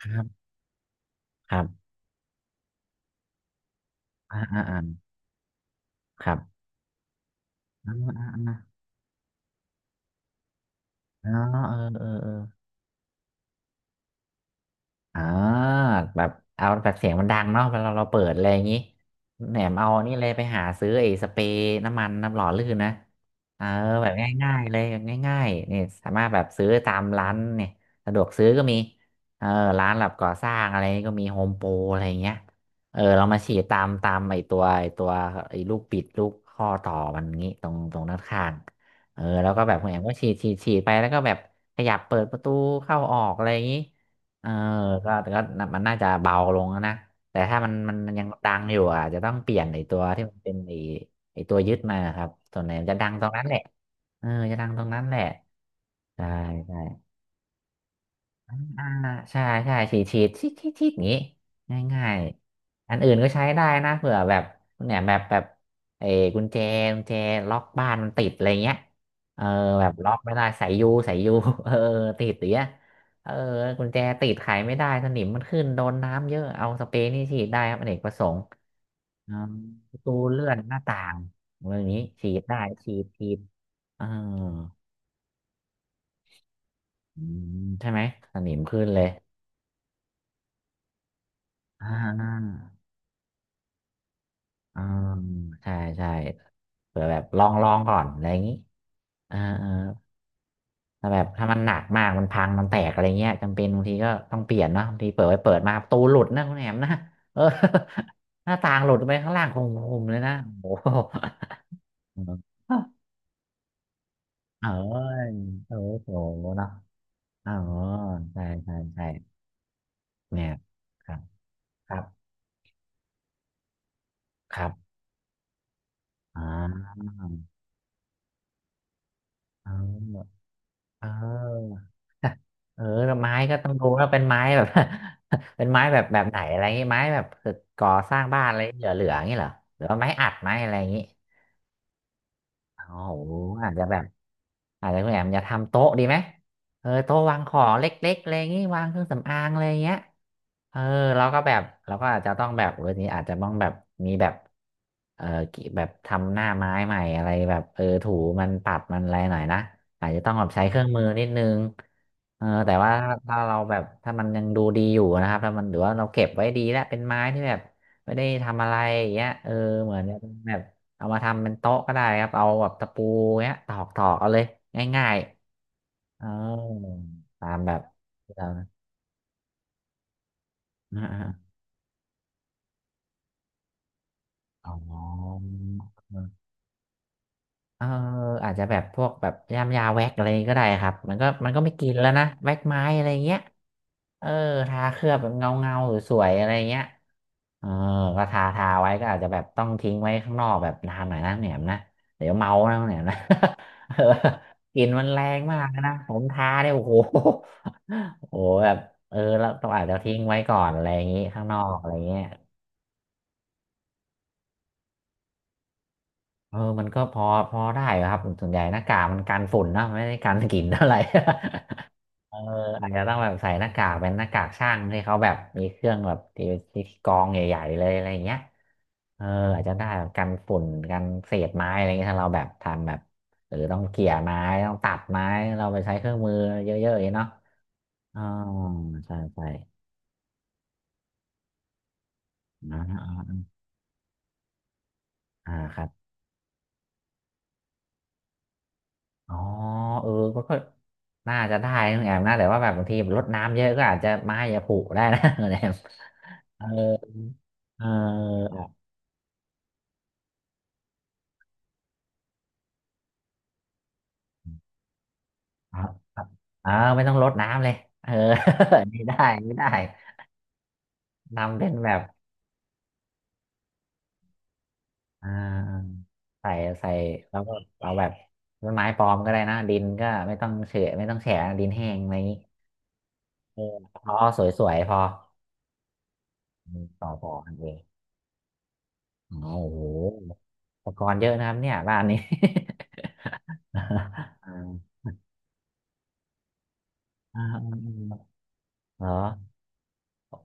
ครับ ครับ อ่าอ่าอ่าครับอ่าอ่าอ่าอ๋อเออเออเออ อ่าแบบเอาแบบเสียงมันดังเนาะเวลาเราเปิดอะไรอย่างงี้แหนมเอานี่เลยไปหาซื้อไอ้สเปรย์น้ำมันน้ำหล่อลื่นนะเออแบบง่ายๆเลยแบบง่ายๆนี่สามารถแบบซื้อตามร้านเนี่ยสะดวกซื้อก็มีเออร้านแบบก่อสร้างอะไรก็มีโฮมโปรอะไรอย่างเงี้ยเออเรามาฉีดตามไอ้ตัวไอ้ลูกปิดลูกข้อต่อมันงี้ตรงด้านข้างเออแล้วก็แบบคุณแอมก็ฉีดไปแล้วก็แบบขยับเปิดประตูเข้าออกอะไรอย่างงี้ เออก็มันน่าจะเบาลงแล้วนะ แต่ถ้ามันยังดังอยู่อ่ะอาจจะต้องเปลี่ยนไอ้ตัวที่มันเป็นไอ้ตัวยึดมาครับ ส่วนไหนมันจะดังตรงนั้นแหละเออจะดังตรงนั้นแหละใช่ใช่ อ่าใช่ใช่ฉีดชิดอย่างนี้ง่ายๆอันอื่นก็ใช้ได้นะเผื่อแบบเนี่ยแบบเออกุญแจกุญแจล็อกบ้านมันติดอะไรเงี้ยเออแบบล็อกไม่ได้สายยูสายยู เออติดอย่างเงี้ยเออกุญแจติดไขไม่ได้สนิมมันขึ้นโดนน้ำเยอะเอาสเปรย์นี่ฉีดได้ครับอเนกประสงค์อ่าประตูเลื่อนหน้าต่างอะไรอย่างนี้ฉีดได้ฉีดเอออืมใช่ไหมสนิมขึ้นเลยอ่า อ่าใช่ใช่เผื่อแบบลองก่อนอะไรอย่างนี้อ่าอ่าถ้าแบบถ้ามันหนักมากมันพังมันแตกอะไรเงี้ยจำเป็นบางทีก็ต้องเปลี่ยนเนาะบางทีเปิดไว้เปิดมาประตูหลุดนะคุณแหนมนะเออ หน้าต่างหลุดไปข้างล่างคงผมเลยนะโอ้โห เอออโอ้โหเนาะอ๋อใช่ใช่ใช่เนี่ยครับครับครับอ่าเออเออ เออแล้วไม้ก็ต้องดูว่าเป็นไม้แบบ เป็นไม้แบบไหนอะไรงี้ไม้แบบก่อสร้างบ้านอะไรเหลือๆอย่างงี้เหรอหรือว่าไม้อัดไม้อะไรอย่างงี้ โอ้โหอาจจะแบบอาจจะคุณแอมจะทำโต๊ะดีไหมเออโต๊ะวางของเล็กๆอะไรอย่างงี้วางเครื่องสำอางอะไรอย่างเงี้ยเออเราก็แบบเราก็อาจจะต้องแบบเรื่องนี้อาจจะต้องแบบมีแบบเออกิแบบทำหน้าไม้ใหม่อะไรแบบเออถูมันปรับมันอะไรหน่อยนะอาจจะต้องแบบใช้เครื่องมือนิดนึงเออแต่ว่าถ้าเราแบบถ้ามันยังดูดีอยู่นะครับถ้ามันหรือว่าเราเก็บไว้ดีแล้วเป็นไม้ที่แบบไม่ได้ทำอะไรอย่างเงี้ยเออเหมือนแบบ เอามาทำเป็นโต๊ะก็ได้ครับเอาแบบตะปูเนี้ยตอกเอาเลยง่ายๆเออตามแบบ ที่เราอ่าๆอ๋อเอออาจจะแบบพวกแบบยามยาแว็กอะไรก็ได้ครับมันก็ไม่กินแล้วนะแว็กไม้อะไรเงี้ยเออทาเคลือบแบบเงาเงาสวยๆอะไรเงี้ย เออก็ทาไว้ก็อาจจะแบบต้องทิ้งไว้ข้างนอกแบบนานหน่อยนะแหนมนะเดี๋ยวเมานะแหนมนะ เออกลิ่นมันแรงมากนะผมทาเนี่ยโอ้โหโอ้โหแบบเออแล้วต้องอาจจะทิ้งไว้ก่อนอะไรอย่างงี้ข้างนอกอะไรเงี้ยเออมันก็พอได้ครับส่วนใหญ่หน้ากากมันกันฝุ่นนะไม่ได้กันกลิ่นเท่าไหร่ เอออาจจะต้องแบบใส่หน้ากากเป็นหน้ากากช่างที่เขาแบบมีเครื่องแบบที่ที่กรองใหญ่ๆเลยอะไรอย่างเงี้ยเอออาจจะได้แบบกันฝุ่นกันเศษไม้อะไรเงี้ยถ้าเราแบบทำแบบหรือต้องเกี่ยไม้ต้องตัดไม้เราไปใช้เครื่องมือเยอะๆอย่างเงี้ยเนาะอ๋อใช่ใช่นะอ่าครับอ๋อเออก็น่าจะได้นะแอมนะแต่ว่าแบบบางทีรดน้ำเยอะก็อาจจะไม้จะผุได้นะ แอมเออ อ๋อเออไม่ต้องรดน้ำเลยเออ นี่ได้นี่ได้ทำเป็นแบบอ่าใส่ใส่แล้วก็เอาแบบต้นไม้ปลอมก็ได้นะดินก็ไม่ต้องเฉะไม่ต้องแฉะดินแห้งอะไรอย่างนี้เออพอสวยๆพออืมต่อพอกันเองอ๋อโอ้โหอุปกรณ์เยอะนะครับเนี่ยบ้านนี้ อ่าอ่าอ่าเหรอ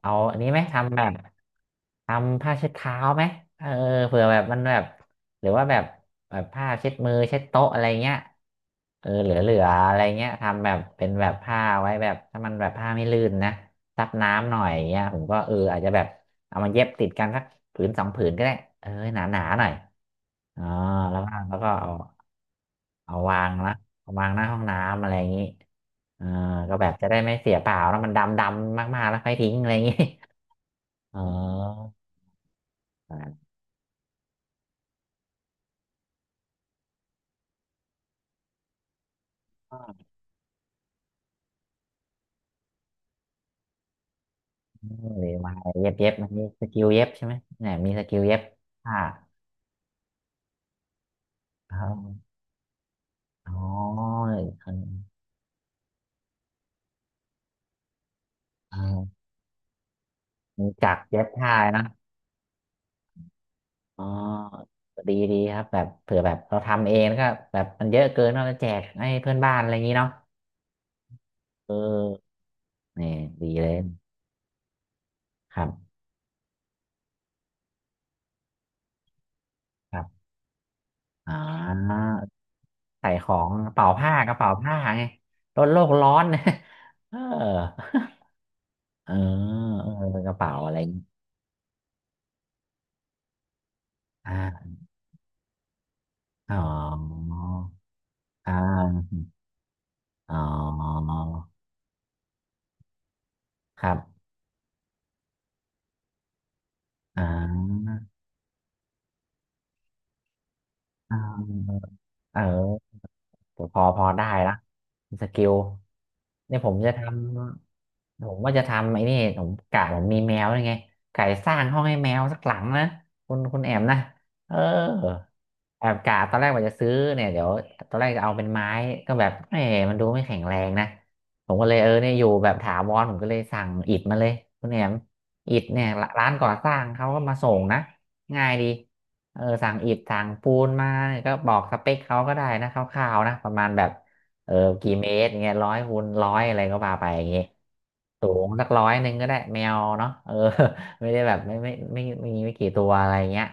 เอาอันนี้ไหมทำแบบทำผ้าเช็ดเท้าไหมเออเผื่อแบบมันแบบหรือว่าแบบแบบผ้าเช็ดมือเช็ดโต๊ะอะไรเงี้ยเออเหลืออะไรเงี้ยทำแบบเป็นแบบผ้าไว้แบบถ้ามันแบบผ้าไม่ลื่นนะซับน้ำหน่อยเงี้ยผมก็เอออาจจะแบบเอามาเย็บติดกันสักผืนสองผืนก็ได้เออหนาหน่อยอ๋อแล้วก็เอาเอาวางนะเอาวางหน้าห้องน้ำอะไรอย่างงี้เออก็แบบจะได้ไม่เสียเปล่าแล้วมันดำมากๆแล้วค่อยทิ้งอะไรอย่างงี้ อ๋ออ่าหรือมาเย็บมันมีสกิลเย็บใช่ไหมเนี่ยมีสกิลเย็บผ้าอ๋ออ๋อคนอ๋อมีจักรเย็บผ้านะอ๋อดีครับแบบเผื่อแบบเราทำเองแล้วก็แบบมันเยอะเกินเราจะแจกให้เพื่อนบ้านอะไรอย่างนี้เนาะเออนี่ดีเลยครับครับอ๋อใส่ของกระเป๋าผ้าไงลดโลกร้อน เออเออเออกระเป๋าอะไรอย่างงี้อ่า อ๋ออ่าอ๋อครับอ่าอ่าเออ แต่พอได้ละสกิลเนี่ยผมจะทำผมว่าจะทำไอ้นี่ผมกะผมมีแมวยังไงไก่สร้างห้องให้แมวสักหลังนะคุณแอมนะเออแอบกะตอนแรกว่าจะซื้อเนี่ยเดี๋ยวตอนแรกจะเอาเป็นไม้ก็แบบเออมันดูไม่แข็งแรงนะผมก็เลยเออเนี่ยอยู่แบบถาวรผมก็เลยสั่งอิฐมาเลยคุณแอมอิฐเนี่ยร้านก่อสร้างเขาก็มาส่งนะง่ายดี เออสั่งอิฐสั่งปูนมาเนี่ยก็บอกสเปคเขาก็ได้นะคร่าวๆนะประมาณแบบเออกี่เมตรเงี้ยร้อยคูณร้อยอะไรก็ว่าไปอย่างงี้สูงสักร้อยหนึ่งก็ได้แมวเนาะเออ ไม่ได้แบบไม่มีไม่กี่ตัวอะไรเงี้ย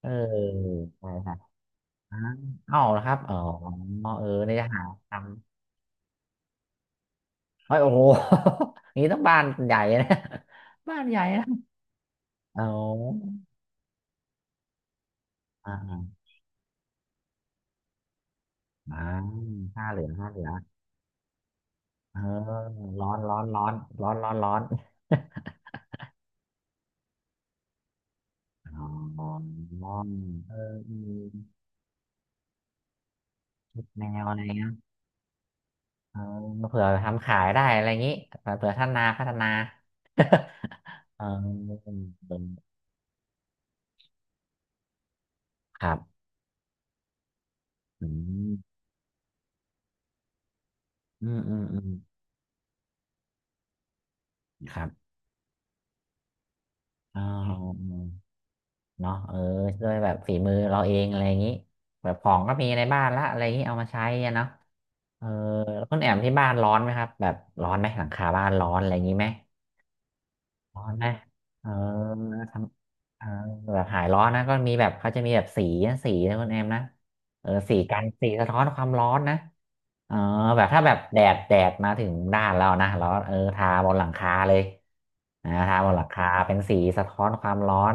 เออใช่ครับอ้าวเอาเหรอครับอ๋อเออนี่จะหาทำเฮ้ยโอ้โห อย่างนี้ต้องบ้านใหญ่นะ บ้านใหญ่นะเอาอ่าอ่าผ้าเหลืองผ้าเหลือง เออร้อนร้อนร้อนร้อนร้อนร้อน อ๋อเออเอืแนวอะไรเงี้ยเออเผื่อทำขายได้อะไรอย่างนี้เผื่อพัฒนาพัฒนา เออครับอืมอืมครับอ๋อเนาะเออด้วยแบบฝีมือเราเองอะไรอย่างนี้แบบของก็มีในบ้านละอะไรอย่างนี้เอามาใช้อะเนาะเออแล้วคุณแอมที่บ้านร้อนไหมครับแบบร้อนไหมหลังคาบ้านร้อนอะไรอย่างนี้ไหม ร้อนนะเออทำเออแบบหายร้อนนะก็มีแบบเขาจะมีแบบสีนะสีนะคุณแอมนะเออสีกันสีสะท้อนความร้อนนะ อ๋อแบบถ้าแบบแดดมาถึงด้านเรานะแล้วเออทาบนหลังคาเลยนะทาบนหลังคาเป็นสีสะท้อนความร้อน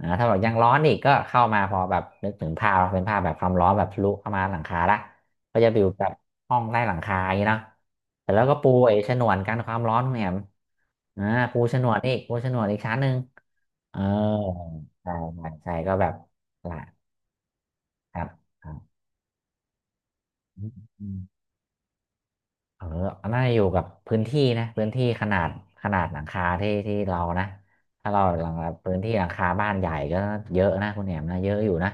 นะถ้าแบบยังร้อนอีกก็เข้ามาพอแบบนึกถึงภาพเป็นภาพแบบความร้อนแบบทะลุเข้ามาหลังคาละก็จะอยู่แบบห้องใต้หลังคาอย่างนี้เนาะแต่แล้วก็ปูไอ้ฉนวนกันความร้อนของแหม่มอ่าปูฉนวนอีกปูฉนวนอีกชั้นหนึ่งเออใช่ก็แบบละครับครับ เออน่าจะอยู่กับพื้นที่นะพื้นที่ขนาดขนาดหลังคาที่เรานะถ้าเราหลังพื้นที่หลังคาบ้านใหญ่ก็เยอะนะคุณแหนมนะเยอะอยู่นะ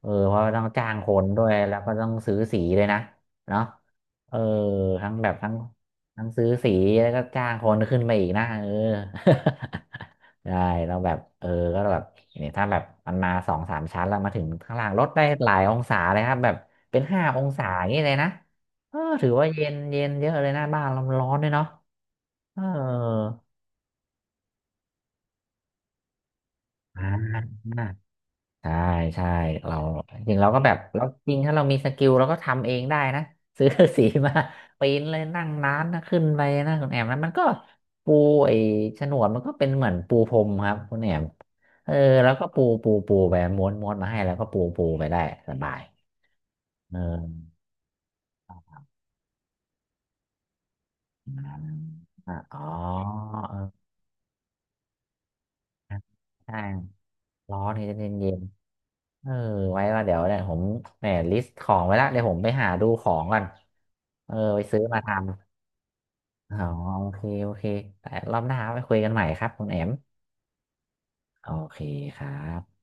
เออเพราะว่าต้องจ้างคนด้วยแล้วก็ต้องซื้อสีเลยนะเนาะเออทั้งแบบทั้งทั้งซื้อสีแล้วก็จ้างคนขึ้นไปอีกนะเออ ได้เราแบบเออก็แบบเนี่ยถ้าแบบมันมาสองสามชั้นแล้วมาถึงข้างล่างลดได้หลายองศาเลยครับแบบเป็นห้าองศาอย่างนี้เลยนะ เออถือว่าเย็นเยอะเลยนะบ้านเรามันร้อนด้วยเนาะเอออ่าใช่ใช่เราจริงเราก็แบบเราจริงถ้าเรามีสกิลเราก็ทำเองได้นะ ซื้อ สีมาปีนเลยนั่งร้านนะขึ้นไปนะคุณแอมนะมันก็ปูไอ้ฉนวนมันก็เป็นเหมือนปูพรมครับคุณแอมเออแล้วก็ปูไปม้วนมาให้แล้วก็ปูไปได้สบายเอออ่าอ๋อเออใช่ร้อนนี่จะเย็น เออไว้ว่าเดี๋ยวเนี่ยผมแหมลิสต์ของไว้ละเดี๋ยวผมไปหาดูของก่อนเออไปซื้อมาทำอ๋อโอเคโอเคแต่รอบหน้าไปคุยกันใหม่ครับคุณแอมโอเคครับ